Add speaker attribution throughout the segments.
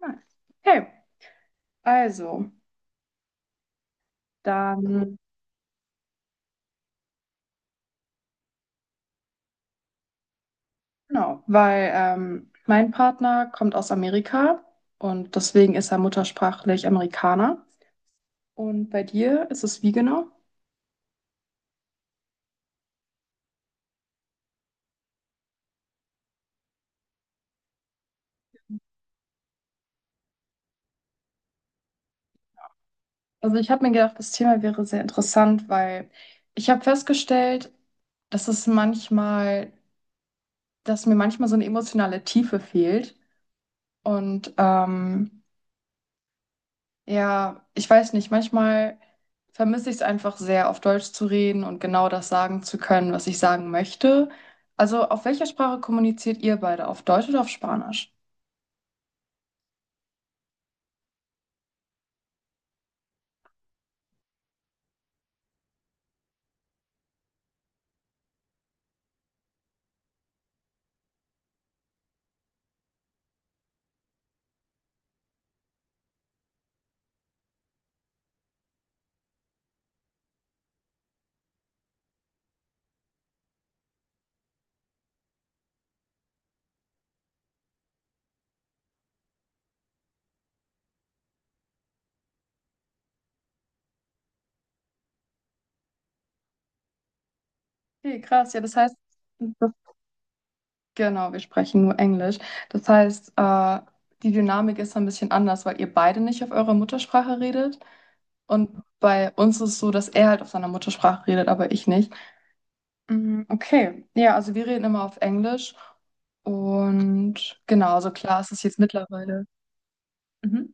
Speaker 1: Nice. Okay, also dann, genau, weil mein Partner kommt aus Amerika und deswegen ist er muttersprachlich Amerikaner. Und bei dir ist es wie genau? Also ich habe mir gedacht, das Thema wäre sehr interessant, weil ich habe festgestellt, dass es manchmal, dass mir manchmal so eine emotionale Tiefe fehlt. Und ja, ich weiß nicht, manchmal vermisse ich es einfach sehr, auf Deutsch zu reden und genau das sagen zu können, was ich sagen möchte. Also, auf welcher Sprache kommuniziert ihr beide? Auf Deutsch oder auf Spanisch? Okay, krass. Ja, das heißt, das, genau, wir sprechen nur Englisch. Das heißt, die Dynamik ist so ein bisschen anders, weil ihr beide nicht auf eurer Muttersprache redet. Und bei uns ist es so, dass er halt auf seiner Muttersprache redet, aber ich nicht. Mm, okay, ja, also wir reden immer auf Englisch und genau, also klar, es ist jetzt mittlerweile. Mhm.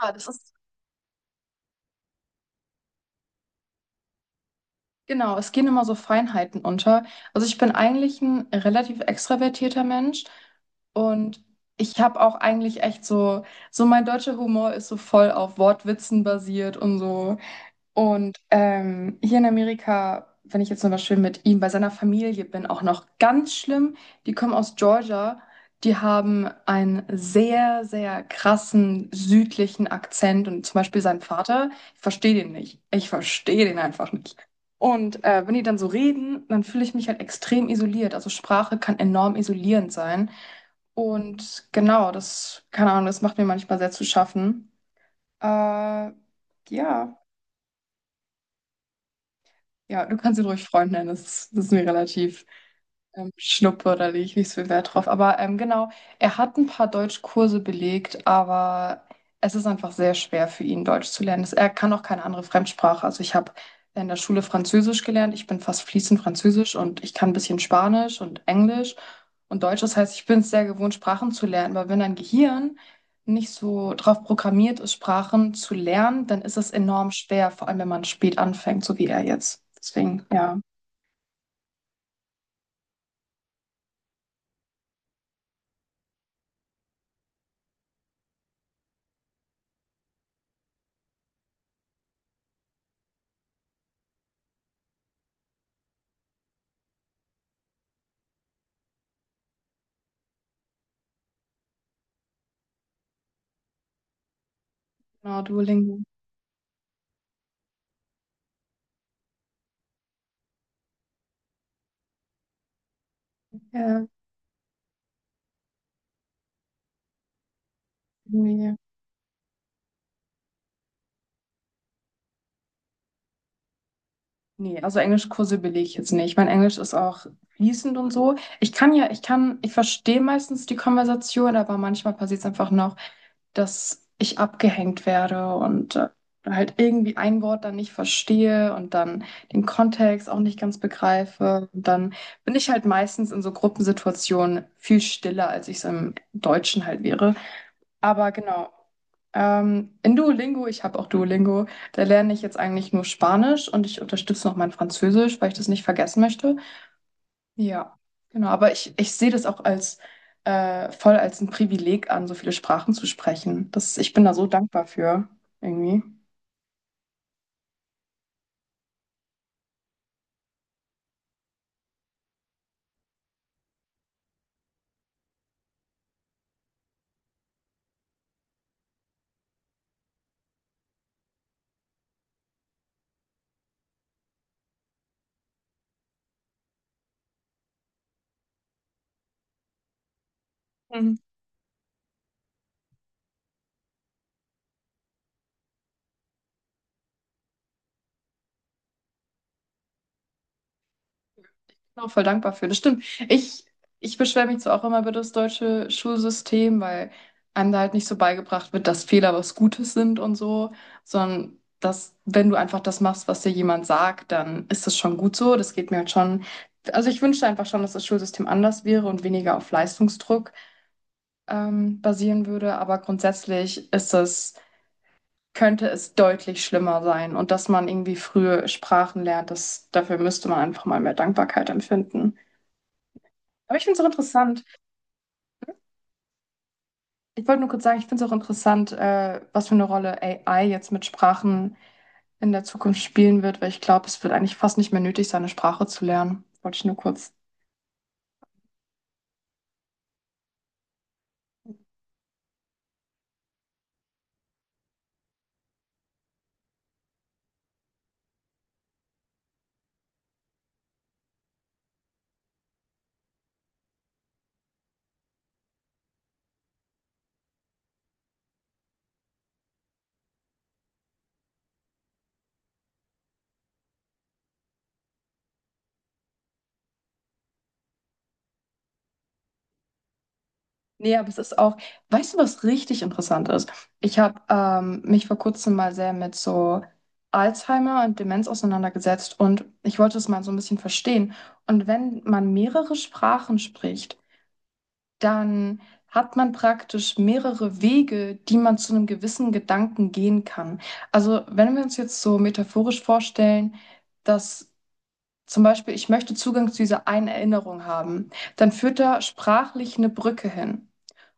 Speaker 1: Ja, das ist genau, es gehen immer so Feinheiten unter. Also ich bin eigentlich ein relativ extravertierter Mensch und ich habe auch eigentlich echt so, so mein deutscher Humor ist so voll auf Wortwitzen basiert und so. Und hier in Amerika, wenn ich jetzt zum Beispiel mit ihm bei seiner Familie bin, auch noch ganz schlimm, die kommen aus Georgia, die haben einen sehr, sehr krassen südlichen Akzent und zum Beispiel sein Vater, ich verstehe den nicht. Ich verstehe den einfach nicht. Und wenn die dann so reden, dann fühle ich mich halt extrem isoliert. Also Sprache kann enorm isolierend sein. Und genau, keine Ahnung, das macht mir manchmal sehr zu schaffen. Äh, ja. Ja, du kannst ihn ruhig Freund nennen, das ist mir relativ Schnuppe, da lege ich nicht so viel Wert drauf. Aber genau, er hat ein paar Deutschkurse belegt, aber es ist einfach sehr schwer für ihn, Deutsch zu lernen. Er kann auch keine andere Fremdsprache. Also ich habe in der Schule Französisch gelernt, ich bin fast fließend Französisch und ich kann ein bisschen Spanisch und Englisch und Deutsch. Das heißt, ich bin es sehr gewohnt, Sprachen zu lernen, aber wenn dein Gehirn nicht so drauf programmiert ist, Sprachen zu lernen, dann ist es enorm schwer, vor allem wenn man spät anfängt, so wie er jetzt. Deswegen, ja, genau, Duolingo. Ja, irgendwie. Nee, also Englischkurse belege ich jetzt nicht. Mein Englisch ist auch fließend und so. Ich kann ja, ich kann, ich verstehe meistens die Konversation, aber manchmal passiert es einfach noch, dass ich abgehängt werde und halt irgendwie ein Wort dann nicht verstehe und dann den Kontext auch nicht ganz begreife. Und dann bin ich halt meistens in so Gruppensituationen viel stiller, als ich es im Deutschen halt wäre. Aber genau. In Duolingo, ich habe auch Duolingo, da lerne ich jetzt eigentlich nur Spanisch und ich unterstütze noch mein Französisch, weil ich das nicht vergessen möchte. Ja, genau. Aber ich sehe das auch als voll als ein Privileg an, so viele Sprachen zu sprechen. Ich bin da so dankbar für, irgendwie. Auch voll dankbar für. Das stimmt. Ich beschwere mich zwar auch immer über das deutsche Schulsystem, weil einem da halt nicht so beigebracht wird, dass Fehler was Gutes sind und so, sondern dass, wenn du einfach das machst, was dir jemand sagt, dann ist das schon gut so. Das geht mir halt schon. Also ich wünschte einfach schon, dass das Schulsystem anders wäre und weniger auf Leistungsdruck basieren würde. Aber grundsätzlich könnte es deutlich schlimmer sein. Und dass man irgendwie früh Sprachen lernt, dafür müsste man einfach mal mehr Dankbarkeit empfinden. Aber ich finde es auch interessant. Ich wollte nur kurz sagen, ich finde es auch interessant, was für eine Rolle AI jetzt mit Sprachen in der Zukunft spielen wird, weil ich glaube, es wird eigentlich fast nicht mehr nötig sein, eine Sprache zu lernen. Wollte ich nur kurz. Nee, aber es ist auch, weißt du, was richtig interessant ist? Ich habe mich vor kurzem mal sehr mit so Alzheimer und Demenz auseinandergesetzt und ich wollte es mal so ein bisschen verstehen. Und wenn man mehrere Sprachen spricht, dann hat man praktisch mehrere Wege, die man zu einem gewissen Gedanken gehen kann. Also wenn wir uns jetzt so metaphorisch vorstellen, dass zum Beispiel ich möchte Zugang zu dieser einen Erinnerung haben, dann führt da sprachlich eine Brücke hin.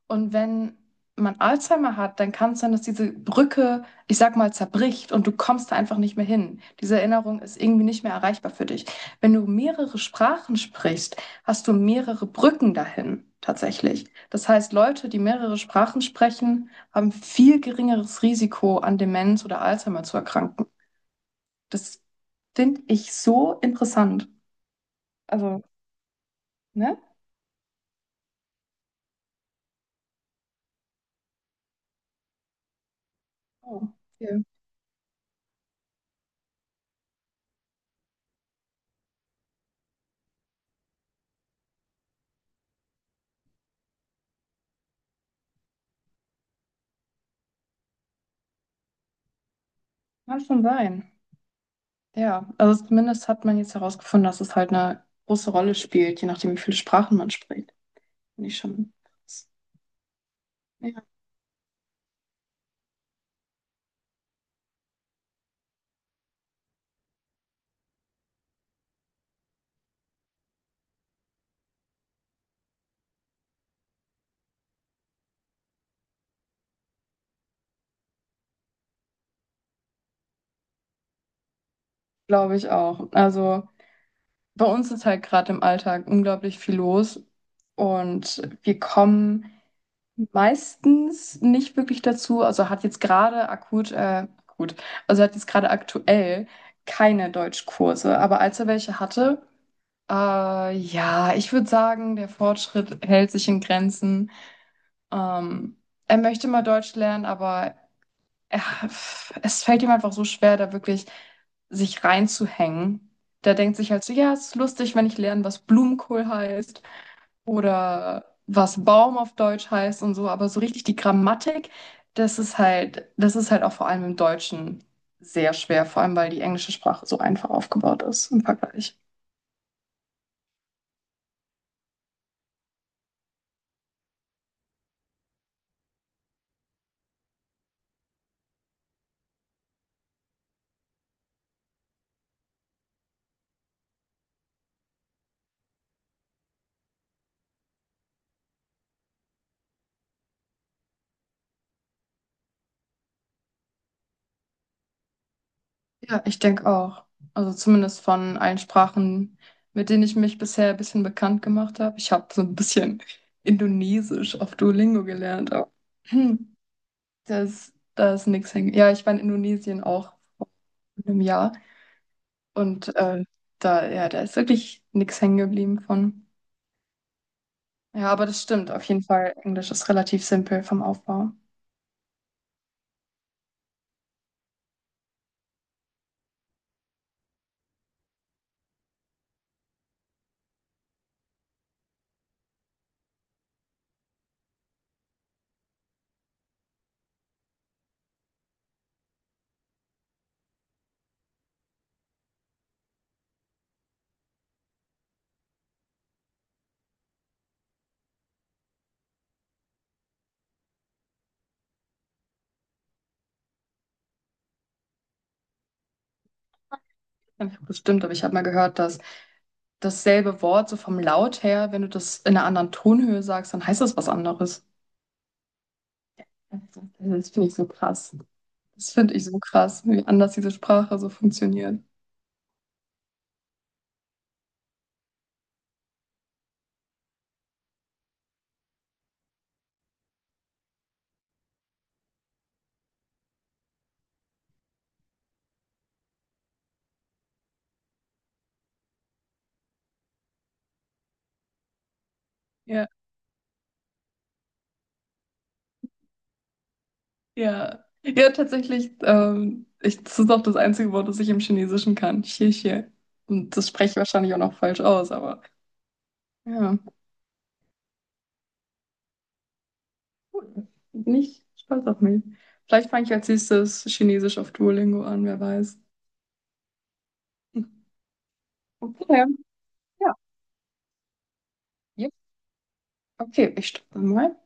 Speaker 1: Und wenn man Alzheimer hat, dann kann es sein, dass diese Brücke, ich sag mal, zerbricht und du kommst da einfach nicht mehr hin. Diese Erinnerung ist irgendwie nicht mehr erreichbar für dich. Wenn du mehrere Sprachen sprichst, hast du mehrere Brücken dahin, tatsächlich. Das heißt, Leute, die mehrere Sprachen sprechen, haben viel geringeres Risiko, an Demenz oder Alzheimer zu erkranken. Das finde ich so interessant. Also, ne? Oh, okay. Kann schon sein. Ja, also zumindest hat man jetzt herausgefunden, dass es halt eine große Rolle spielt, je nachdem, wie viele Sprachen man spricht. Finde ich schon krass. Ja, glaube ich auch. Also bei uns ist halt gerade im Alltag unglaublich viel los und wir kommen meistens nicht wirklich dazu. Also hat jetzt gerade aktuell keine Deutschkurse. Aber als er welche hatte, ja, ich würde sagen, der Fortschritt hält sich in Grenzen. Ähm, Er möchte mal Deutsch lernen, aber er, es fällt ihm einfach so schwer, da wirklich sich reinzuhängen. Der denkt sich halt so, ja, es ist lustig, wenn ich lerne, was Blumenkohl heißt oder was Baum auf Deutsch heißt und so, aber so richtig die Grammatik, das ist halt auch vor allem im Deutschen sehr schwer, vor allem weil die englische Sprache so einfach aufgebaut ist im Vergleich. Ja, ich denke auch. Also zumindest von allen Sprachen, mit denen ich mich bisher ein bisschen bekannt gemacht habe. Ich habe so ein bisschen Indonesisch auf Duolingo gelernt, aber hm, da ist nichts hängen. Ja, ich war in Indonesien auch vor einem Jahr und da, ja, da ist wirklich nichts hängen geblieben von. Ja, aber das stimmt. Auf jeden Fall, Englisch ist relativ simpel vom Aufbau. Einfach Bestimmt, aber ich habe mal gehört, dass dasselbe Wort so vom Laut her, wenn du das in einer anderen Tonhöhe sagst, dann heißt das was anderes. Das finde ich so krass. Das finde ich so krass, wie anders diese Sprache so funktioniert. Ja, ja. Ja, tatsächlich, das ist auch das einzige Wort, das ich im Chinesischen kann. Xie xie. Und das spreche ich wahrscheinlich auch noch falsch aus, aber ja, cool. Bin ich stolz auf mich. Vielleicht fange ich als nächstes Chinesisch auf Duolingo an, wer weiß. Okay, ja. Ja. Okay, ich stoppe mal.